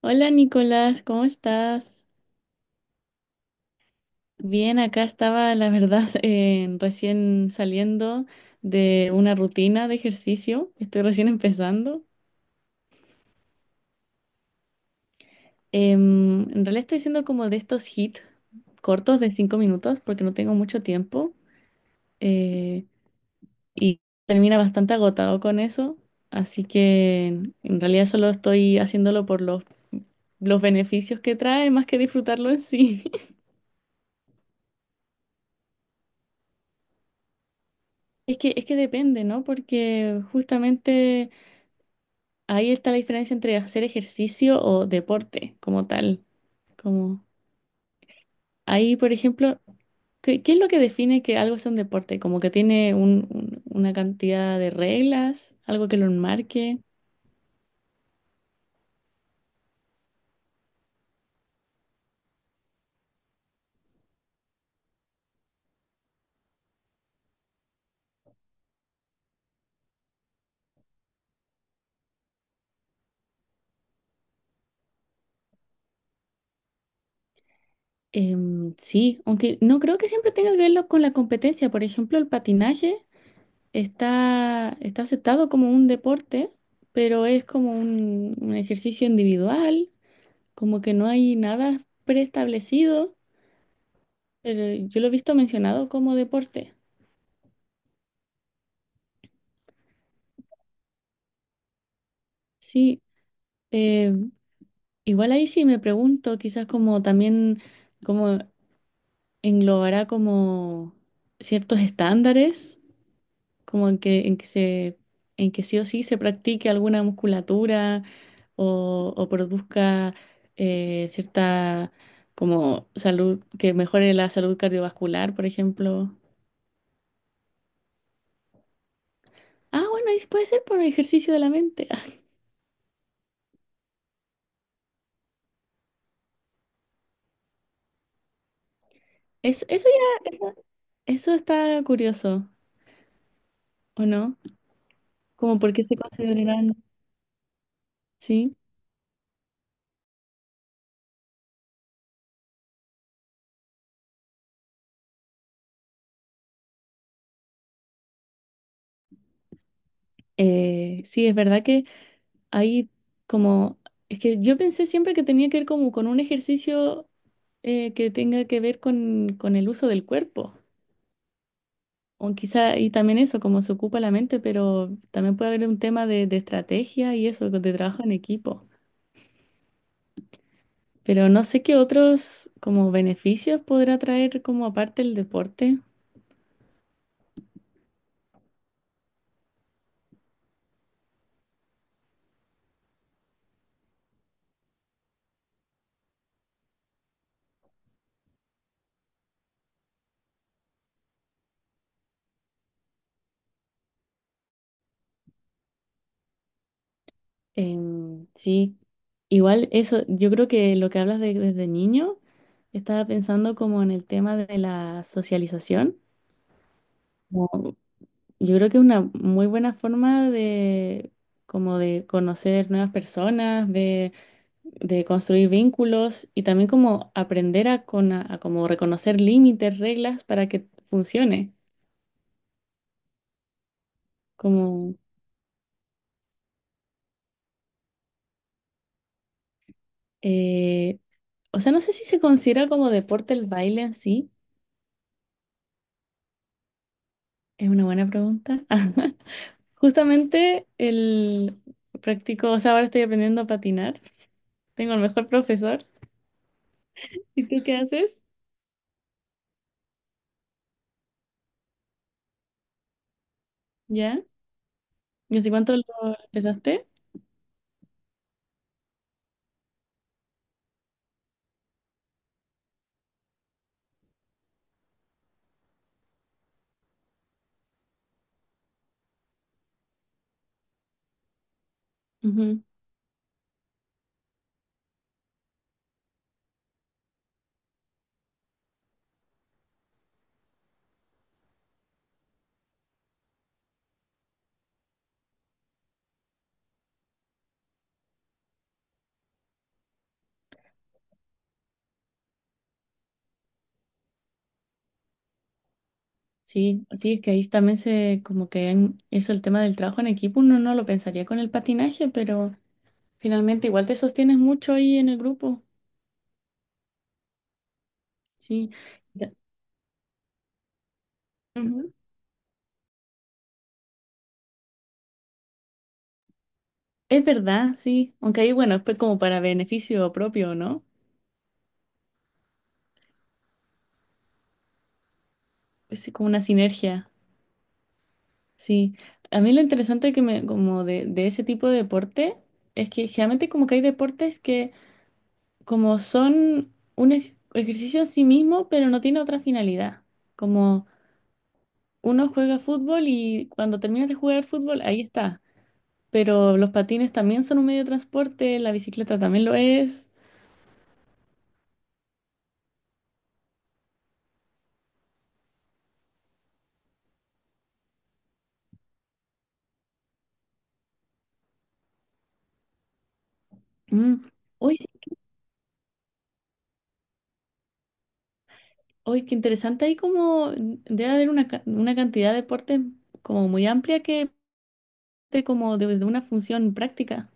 Hola Nicolás, ¿cómo estás? Bien, acá estaba, la verdad, recién saliendo de una rutina de ejercicio. Estoy recién empezando. En realidad estoy haciendo como de estos hits cortos de 5 minutos porque no tengo mucho tiempo eh, y termina bastante agotado con eso. Así que en realidad solo estoy haciéndolo por los beneficios que trae más que disfrutarlo en sí. Es que depende, ¿no? Porque justamente... Ahí está la diferencia entre hacer ejercicio o deporte como tal. Como ahí, por ejemplo, ¿qué es lo que define que algo es un deporte? Como que tiene una cantidad de reglas, algo que lo enmarque. Sí, aunque no creo que siempre tenga que verlo con la competencia. Por ejemplo, el patinaje está aceptado como un deporte, pero es como un ejercicio individual, como que no hay nada preestablecido. Yo lo he visto mencionado como deporte. Sí, eh, igual ahí sí me pregunto, quizás como también como englobará como ciertos estándares, como en que se en que sí o sí se practique alguna musculatura o produzca cierta como salud que mejore la salud cardiovascular, por ejemplo. Ah, bueno, ahí sí puede ser por ejercicio de la mente. Eso ya, eso está curioso. ¿O no? Como porque se considerarán, ¿sí? Sí, es verdad que hay como, es que yo pensé siempre que tenía que ver como con un ejercicio que tenga que ver con, el uso del cuerpo, o quizá, y también eso, como se ocupa la mente, pero también puede haber un tema de estrategia y eso, de trabajo en equipo. Pero no sé qué otros como beneficios podrá traer como aparte el deporte. Sí, igual eso, yo creo que lo que hablas de, desde niño, estaba pensando como en el tema de la socialización. como- yo creo que es una muy buena forma de como de conocer nuevas personas, de construir vínculos y también como aprender a, con, a, como reconocer límites, reglas para que funcione. Como, eh, o sea, no sé si se considera como deporte el baile en sí, es una buena pregunta. Justamente el practico, o sea, ahora estoy aprendiendo a patinar. Tengo el mejor profesor. ¿Y tú qué haces? ¿Ya? ¿Y hace cuánto lo empezaste? Ujú. Sí, sí, es que ahí también se, como que eso, el tema del trabajo en equipo, uno no lo pensaría con el patinaje, pero finalmente igual te sostienes mucho ahí en el grupo. Sí. Ya. Ujú. Es verdad, sí. Aunque ahí, bueno, es pues como para beneficio propio, ¿no? Es como una sinergia. Sí, a mí lo interesante que me, como de ese tipo de deporte es que generalmente como que hay deportes que como son un ejercicio en sí mismo, pero no tiene otra finalidad. Como uno juega fútbol y cuando terminas de jugar fútbol, ahí está. Pero los patines también son un medio de transporte, la bicicleta también lo es. Mm. Hoy, sí- Hoy qué interesante, hay como debe haber una cantidad de deportes como muy amplia que te como de una función práctica.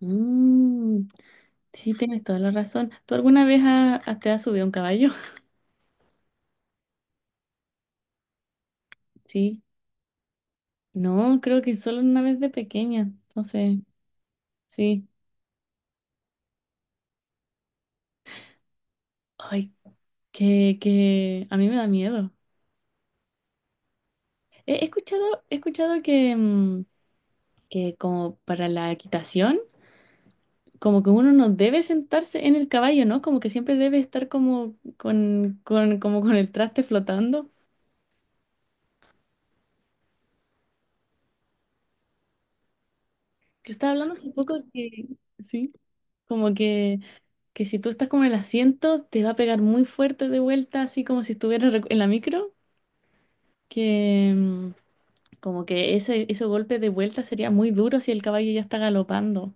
Mm, sí, tienes toda la razón. ¿Tú alguna vez te has subido a un caballo? Sí. No, creo que solo una vez de pequeña. Entonces, sí. Ay, que a mí me da miedo. He escuchado que, que como para la equitación, como que uno no debe sentarse en el caballo, ¿no? Como que siempre debe estar como con, como con el traste flotando. Yo estaba hablando hace poco que, sí, como que si tú estás como en el asiento, te va a pegar muy fuerte de vuelta, así como si estuvieras en la micro, que como que ese golpe de vuelta sería muy duro si el caballo ya está galopando.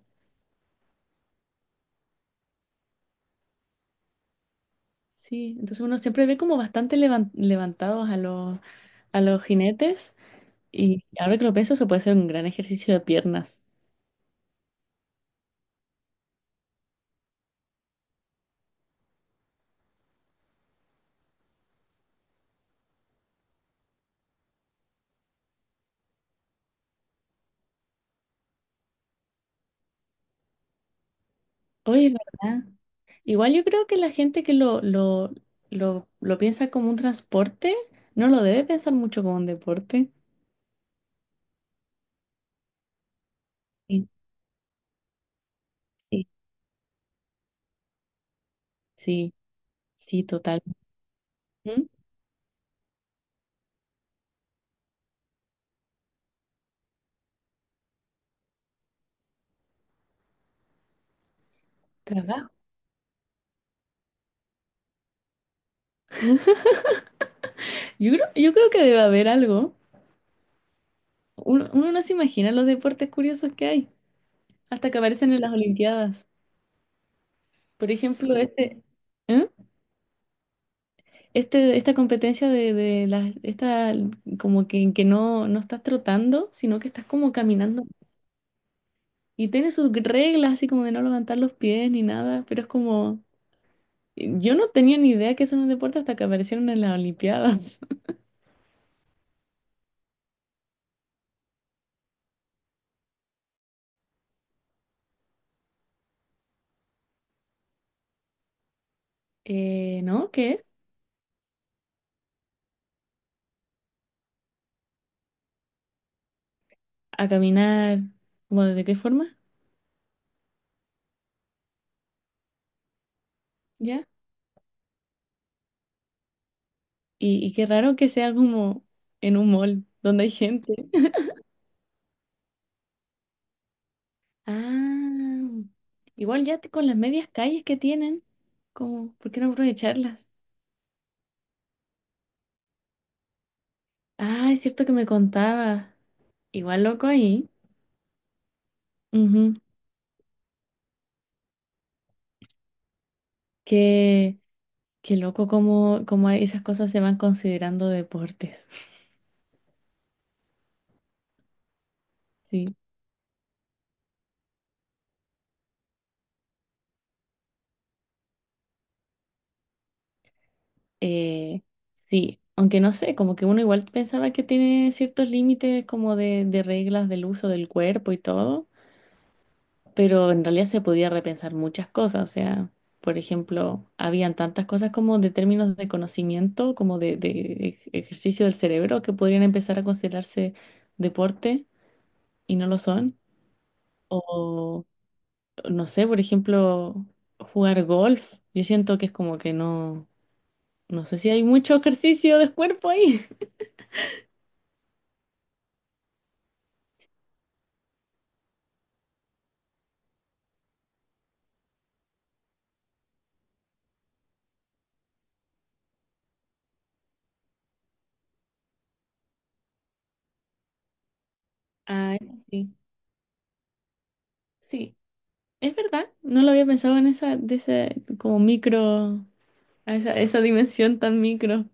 Sí, entonces uno siempre ve como bastante levantados a los jinetes y ahora que lo pienso, eso puede ser un gran ejercicio de piernas. Oye, ¿es verdad? Igual yo creo que la gente que lo piensa como un transporte, no lo debe pensar mucho como un deporte. Sí, sí, sí. Sí, total. ¿Mm? Trabajo. Yo creo que debe haber algo. Uno no se imagina los deportes curiosos que hay, hasta que aparecen en las Olimpiadas. Por ejemplo, este, ¿eh? Esta competencia de, las, esta, como que, en que no estás trotando, sino que estás como caminando. Y tiene sus reglas, así como de no levantar los pies ni nada, pero es como, yo no tenía ni idea que eso era un deporte hasta que aparecieron en las Olimpiadas. ¿No? ¿Qué es? ¿A caminar? ¿Cómo de qué forma? ¿Ya? Y qué raro que sea como en un mall donde hay gente. Ah, igual ya te- con las medias calles que tienen, como, ¿por qué no aprovecharlas? Ah, es cierto que me contaba, igual loco ahí, ujú, que, que loco como, como esas cosas se van considerando deportes. Sí, eh, sí, aunque no sé, como que uno igual pensaba que tiene ciertos límites como de, reglas del uso del cuerpo y todo, pero en realidad se podía repensar muchas cosas, o sea, por ejemplo, habían tantas cosas como de términos de conocimiento, como de, de ejercicio del cerebro, que podrían empezar a considerarse deporte y no lo son, o no sé, por ejemplo, jugar golf, yo siento que es como que no, no sé si hay mucho ejercicio de cuerpo ahí. Ah, eso sí, sí, es verdad, no lo había pensado en esa, de ese, como micro, a esa dimensión tan micro.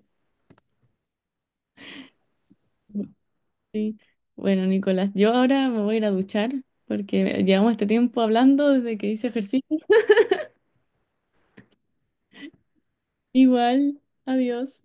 Sí. Bueno, Nicolás, yo ahora me voy a ir a duchar porque llevamos este tiempo hablando desde que hice ejercicio. Igual, adiós.